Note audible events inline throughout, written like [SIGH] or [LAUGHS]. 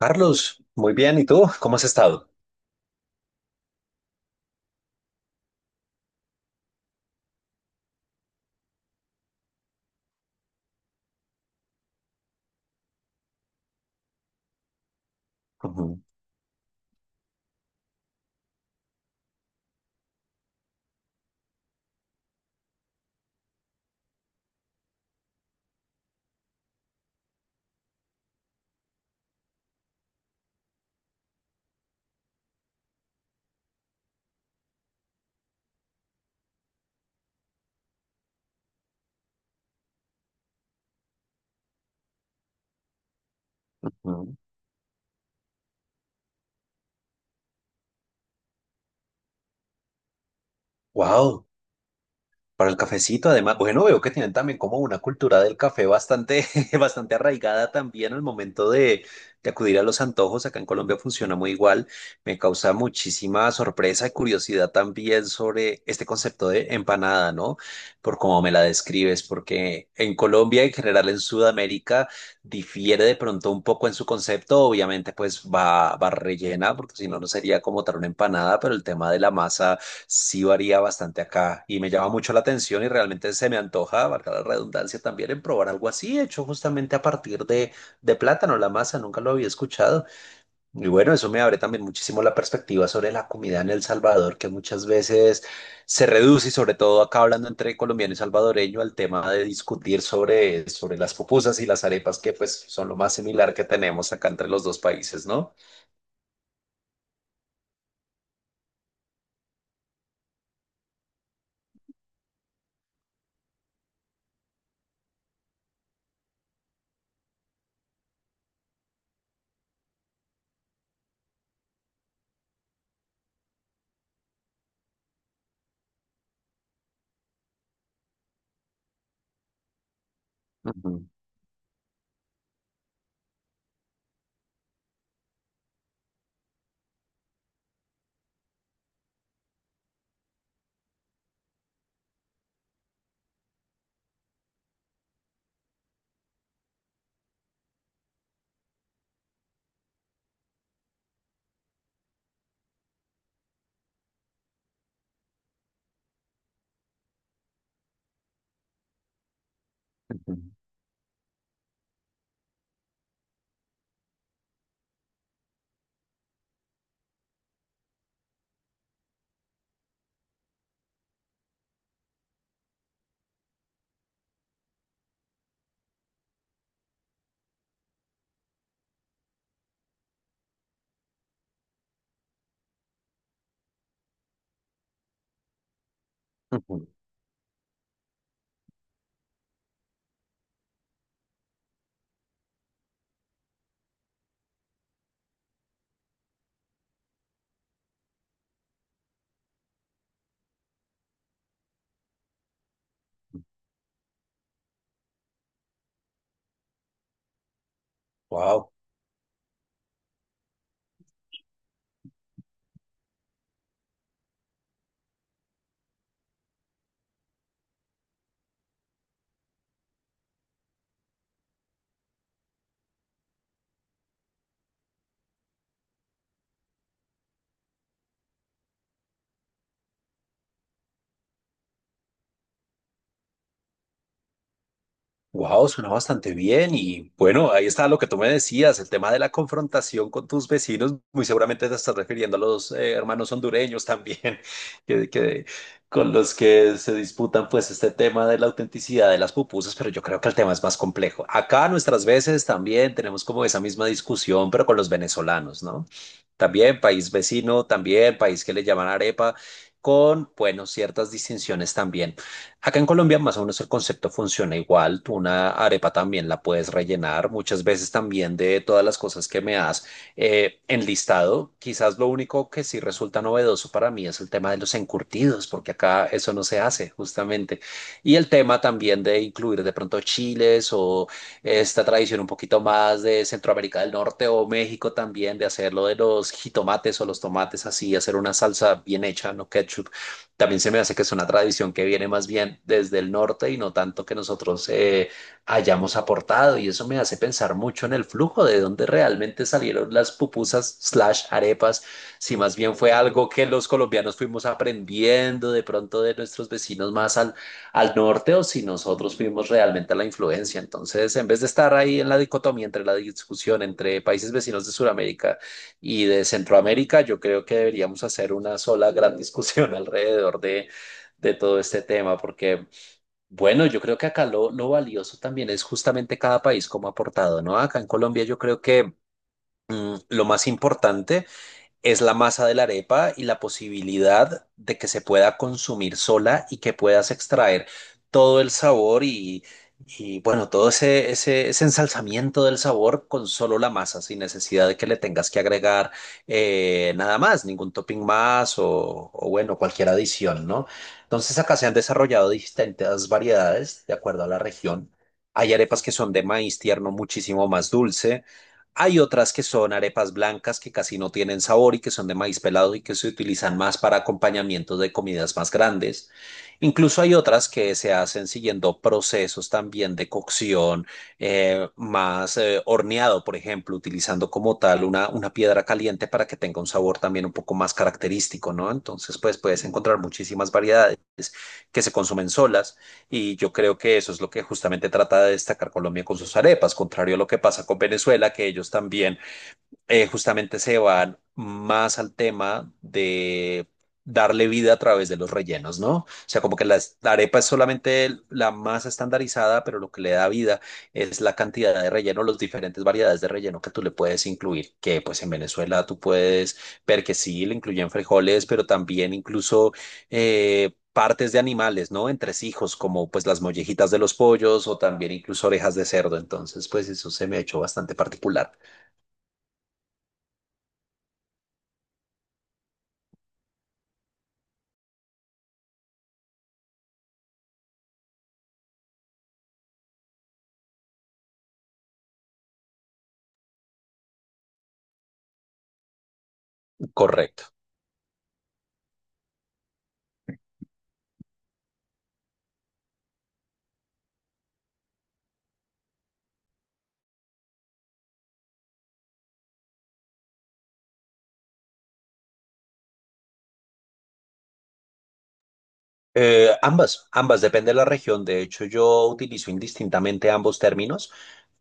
Carlos, muy bien. ¿Y tú? ¿Cómo has estado? Wow. Para el cafecito, además, bueno, veo que tienen también como una cultura del café bastante, [LAUGHS] bastante arraigada también al momento de acudir a los antojos. Acá en Colombia funciona muy igual. Me causa muchísima sorpresa y curiosidad también sobre este concepto de empanada, ¿no? Por cómo me la describes, porque en Colombia, en general en Sudamérica, difiere de pronto un poco en su concepto. Obviamente, pues va rellena, porque si no, no sería como tal una empanada, pero el tema de la masa sí varía bastante acá y me llama mucho la atención y realmente se me antoja, valga la redundancia, también en probar algo así, hecho justamente a partir de, plátano, la masa, nunca lo había escuchado. Y bueno, eso me abre también muchísimo la perspectiva sobre la comida en El Salvador, que muchas veces se reduce, y sobre todo acá hablando entre colombiano y salvadoreño, al tema de discutir sobre las pupusas y las arepas, que pues son lo más similar que tenemos acá entre los dos países, ¿no? Wow. Wow, suena bastante bien y bueno, ahí está lo que tú me decías, el tema de la confrontación con tus vecinos, muy seguramente te estás refiriendo a los hermanos hondureños también, [LAUGHS] que, que- con los que se disputan pues este tema de la autenticidad de las pupusas, pero yo creo que el tema es más complejo. Acá nuestras veces también tenemos como esa misma discusión, pero con los venezolanos, ¿no? También país vecino, también país que le llaman arepa, con, bueno, ciertas distinciones también. Acá en Colombia más o menos el concepto funciona igual. Tú una arepa también la puedes rellenar. Muchas veces también de todas las cosas que me has enlistado, quizás lo único que sí resulta novedoso para mí es el tema de los encurtidos, porque acá eso no se hace justamente. Y el tema también de incluir de pronto chiles o esta tradición un poquito más de Centroamérica del Norte o México también de hacerlo de los jitomates o los tomates así, hacer una salsa bien hecha, no ketchup también se me hace que es una tradición que viene más bien desde el norte y no tanto que nosotros hayamos aportado. Y eso me hace pensar mucho en el flujo de dónde realmente salieron las pupusas/arepas, si más bien fue algo que los colombianos fuimos aprendiendo de pronto de nuestros vecinos más al, norte o si nosotros fuimos realmente a la influencia. Entonces, en vez de estar ahí en la dicotomía entre la discusión entre países vecinos de Sudamérica, y de Centroamérica, yo creo que deberíamos hacer una sola gran discusión [LAUGHS] alrededor de todo este tema, porque, bueno, yo creo que acá lo valioso también es justamente cada país como ha aportado, ¿no? Acá en Colombia yo creo que lo más importante es la masa de la arepa y la posibilidad de que se pueda consumir sola y que puedas extraer todo el sabor y, bueno, todo ese ensalzamiento del sabor con solo la masa, sin necesidad de que le tengas que agregar nada más, ningún topping más o bueno, cualquier adición, ¿no? Entonces acá se han desarrollado distintas variedades de acuerdo a la región. Hay arepas que son de maíz tierno muchísimo más dulce. Hay otras que son arepas blancas que casi no tienen sabor y que son de maíz pelado y que se utilizan más para acompañamientos de comidas más grandes. Incluso hay otras que se hacen siguiendo procesos también de cocción más horneado, por ejemplo, utilizando como tal una piedra caliente para que tenga un sabor también un poco más característico, ¿no? Entonces, pues puedes encontrar muchísimas variedades que se consumen solas y yo creo que eso es lo que justamente trata de destacar Colombia con sus arepas, contrario a lo que pasa con Venezuela, que ellos también justamente se van más al tema de darle vida a través de los rellenos, ¿no? O sea, como que la arepa es solamente la masa estandarizada, pero lo que le da vida es la cantidad de relleno, las diferentes variedades de relleno que tú le puedes incluir, que pues en Venezuela tú puedes ver que sí, le incluyen frijoles, pero también incluso, partes de animales, ¿no? Entresijos, como pues las mollejitas de los pollos o también incluso orejas de cerdo. Entonces, pues eso se me ha hecho bastante particular. Correcto. Ambas, ambas, depende de la región. De hecho, yo utilizo indistintamente ambos términos.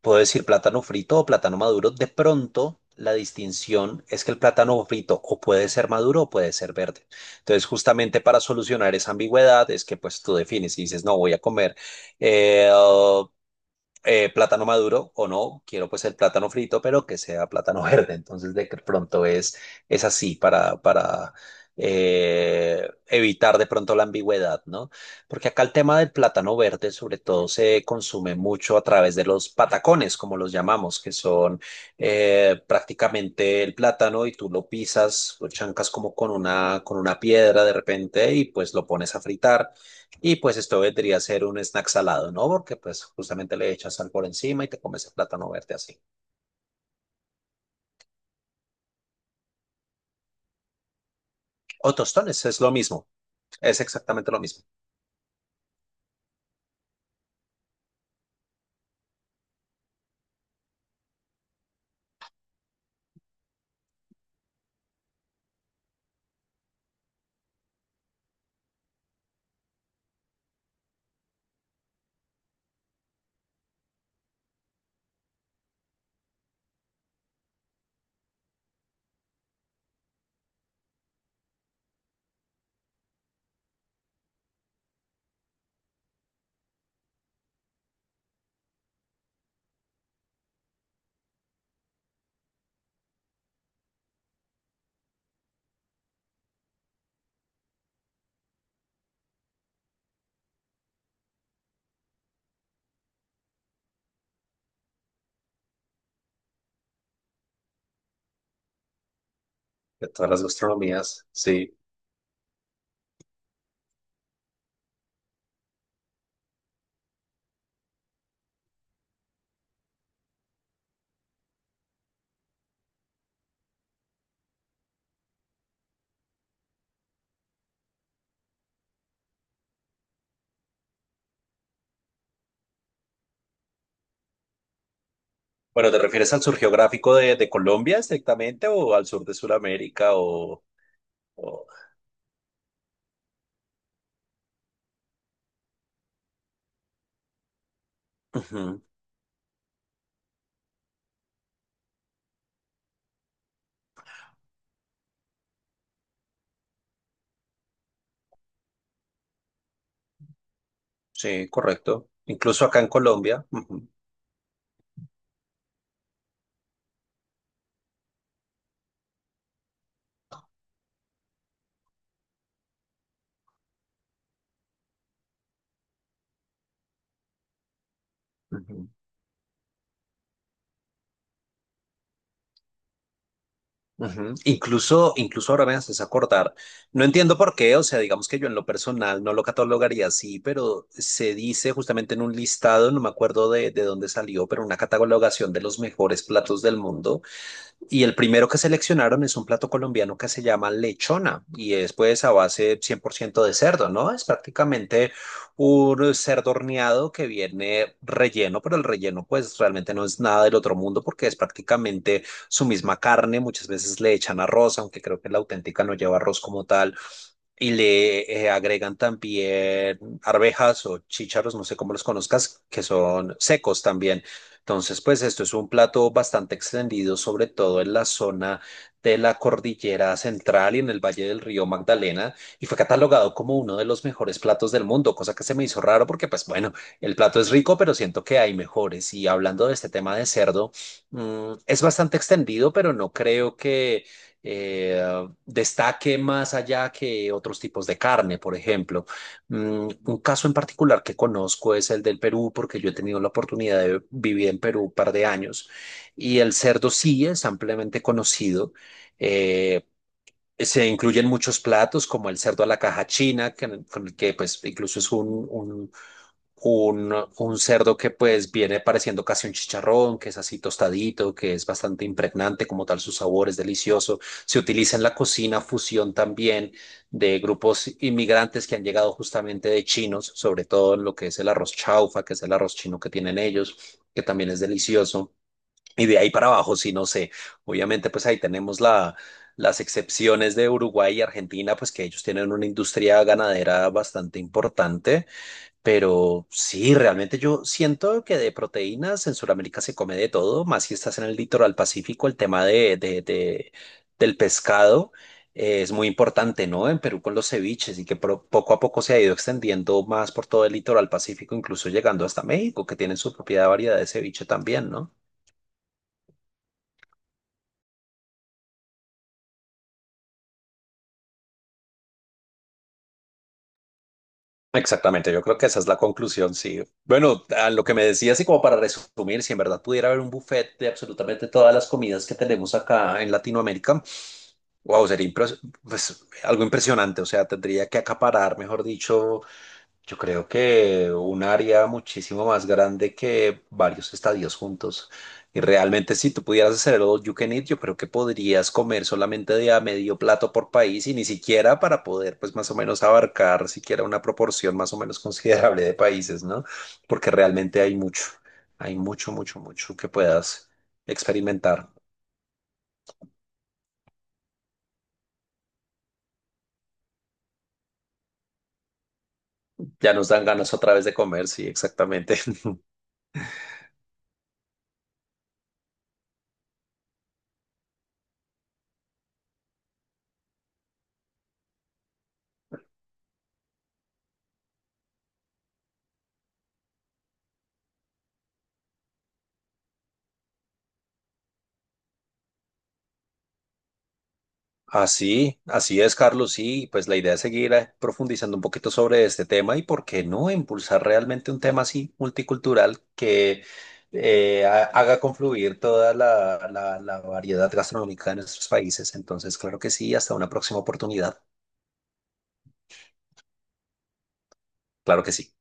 Puedo decir plátano frito o plátano maduro. De pronto, la distinción es que el plátano frito o puede ser maduro o puede ser verde. Entonces, justamente para solucionar esa ambigüedad es que pues tú defines y dices, no, voy a comer eh, plátano maduro o no, quiero pues el plátano frito, pero que sea plátano [LAUGHS] verde. Entonces de que pronto es, así para evitar de pronto la ambigüedad, ¿no? Porque acá el tema del plátano verde sobre todo se consume mucho a través de los patacones, como los llamamos, que son prácticamente el plátano y tú lo pisas, lo chancas como con una piedra de repente y pues lo pones a fritar. Y pues esto vendría a ser un snack salado, ¿no? Porque pues justamente le echas sal por encima y te comes el plátano verde así. O tostones, es lo mismo, es exactamente lo mismo. De todas las gastronomías, sí. Bueno, ¿te refieres al sur geográfico de, Colombia estrictamente o al sur de Sudamérica o...? o- Ujú. Sí, correcto. Incluso acá en Colombia. Ujú. Ujú. Ujú. Incluso ahora me haces acordar. No entiendo por qué, o sea, digamos que yo en lo personal no lo catalogaría así, pero se dice justamente en un listado, no me acuerdo de dónde salió, pero una catalogación de los mejores platos del mundo. Y el primero que seleccionaron es un plato colombiano que se llama lechona y es pues a base 100% de cerdo, ¿no? Es prácticamente un cerdo horneado que viene relleno, pero el relleno pues realmente no es nada del otro mundo porque es prácticamente su misma carne. Muchas veces le echan arroz, aunque creo que la auténtica no lleva arroz como tal y le agregan también arvejas o chícharos, no sé cómo los conozcas, que son secos también. Entonces, pues esto es un plato bastante extendido, sobre todo en la zona de la cordillera central y en el valle del río Magdalena, y fue catalogado como uno de los mejores platos del mundo, cosa que se me hizo raro porque, pues bueno, el plato es rico, pero siento que hay mejores. Y hablando de este tema de cerdo, es bastante extendido, pero no creo que eh, destaque más allá que otros tipos de carne, por ejemplo. Un caso en particular que conozco es el del Perú, porque yo he tenido la oportunidad de vivir en Perú un par de años y el cerdo sí es ampliamente conocido. Eh, se incluyen muchos platos como el cerdo a la caja china, con el que pues incluso es un cerdo que pues viene pareciendo casi un chicharrón, que es así tostadito, que es bastante impregnante como tal, su sabor es delicioso. Se utiliza en la cocina fusión también de grupos inmigrantes que han llegado justamente de chinos, sobre todo en lo que es el arroz chaufa, que es el arroz chino que tienen ellos, que también es delicioso. Y de ahí para abajo, sí, no sé. Obviamente, pues ahí tenemos las excepciones de Uruguay y Argentina, pues que ellos tienen una industria ganadera bastante importante pero sí, realmente yo siento que de proteínas en Sudamérica se come de todo, más si estás en el litoral pacífico, el tema de, del pescado es muy importante, ¿no? En Perú con los ceviches y que poco a poco se ha ido extendiendo más por todo el litoral pacífico, incluso llegando hasta México, que tienen su propia variedad de ceviche también, ¿no? Exactamente, yo creo que esa es la conclusión, sí. Bueno, a lo que me decías y como para resumir, si en verdad pudiera haber un buffet de absolutamente todas las comidas que tenemos acá en Latinoamérica, wow, sería pues, algo impresionante, o sea, tendría que acaparar, mejor dicho, yo creo que un área muchísimo más grande que varios estadios juntos. Y realmente si tú pudieras hacer el all you can eat, yo creo que podrías comer solamente de a medio plato por país y ni siquiera para poder pues más o menos abarcar siquiera una proporción más o menos considerable de países, ¿no? Porque realmente hay mucho, mucho, mucho que puedas experimentar. Ya nos dan ganas otra vez de comer, sí, exactamente. Así, así es, Carlos. Sí, pues la idea es seguir profundizando un poquito sobre este tema y por qué no impulsar realmente un tema así multicultural que haga confluir toda la variedad gastronómica de nuestros países. Entonces, claro que sí, hasta una próxima oportunidad. Claro que sí.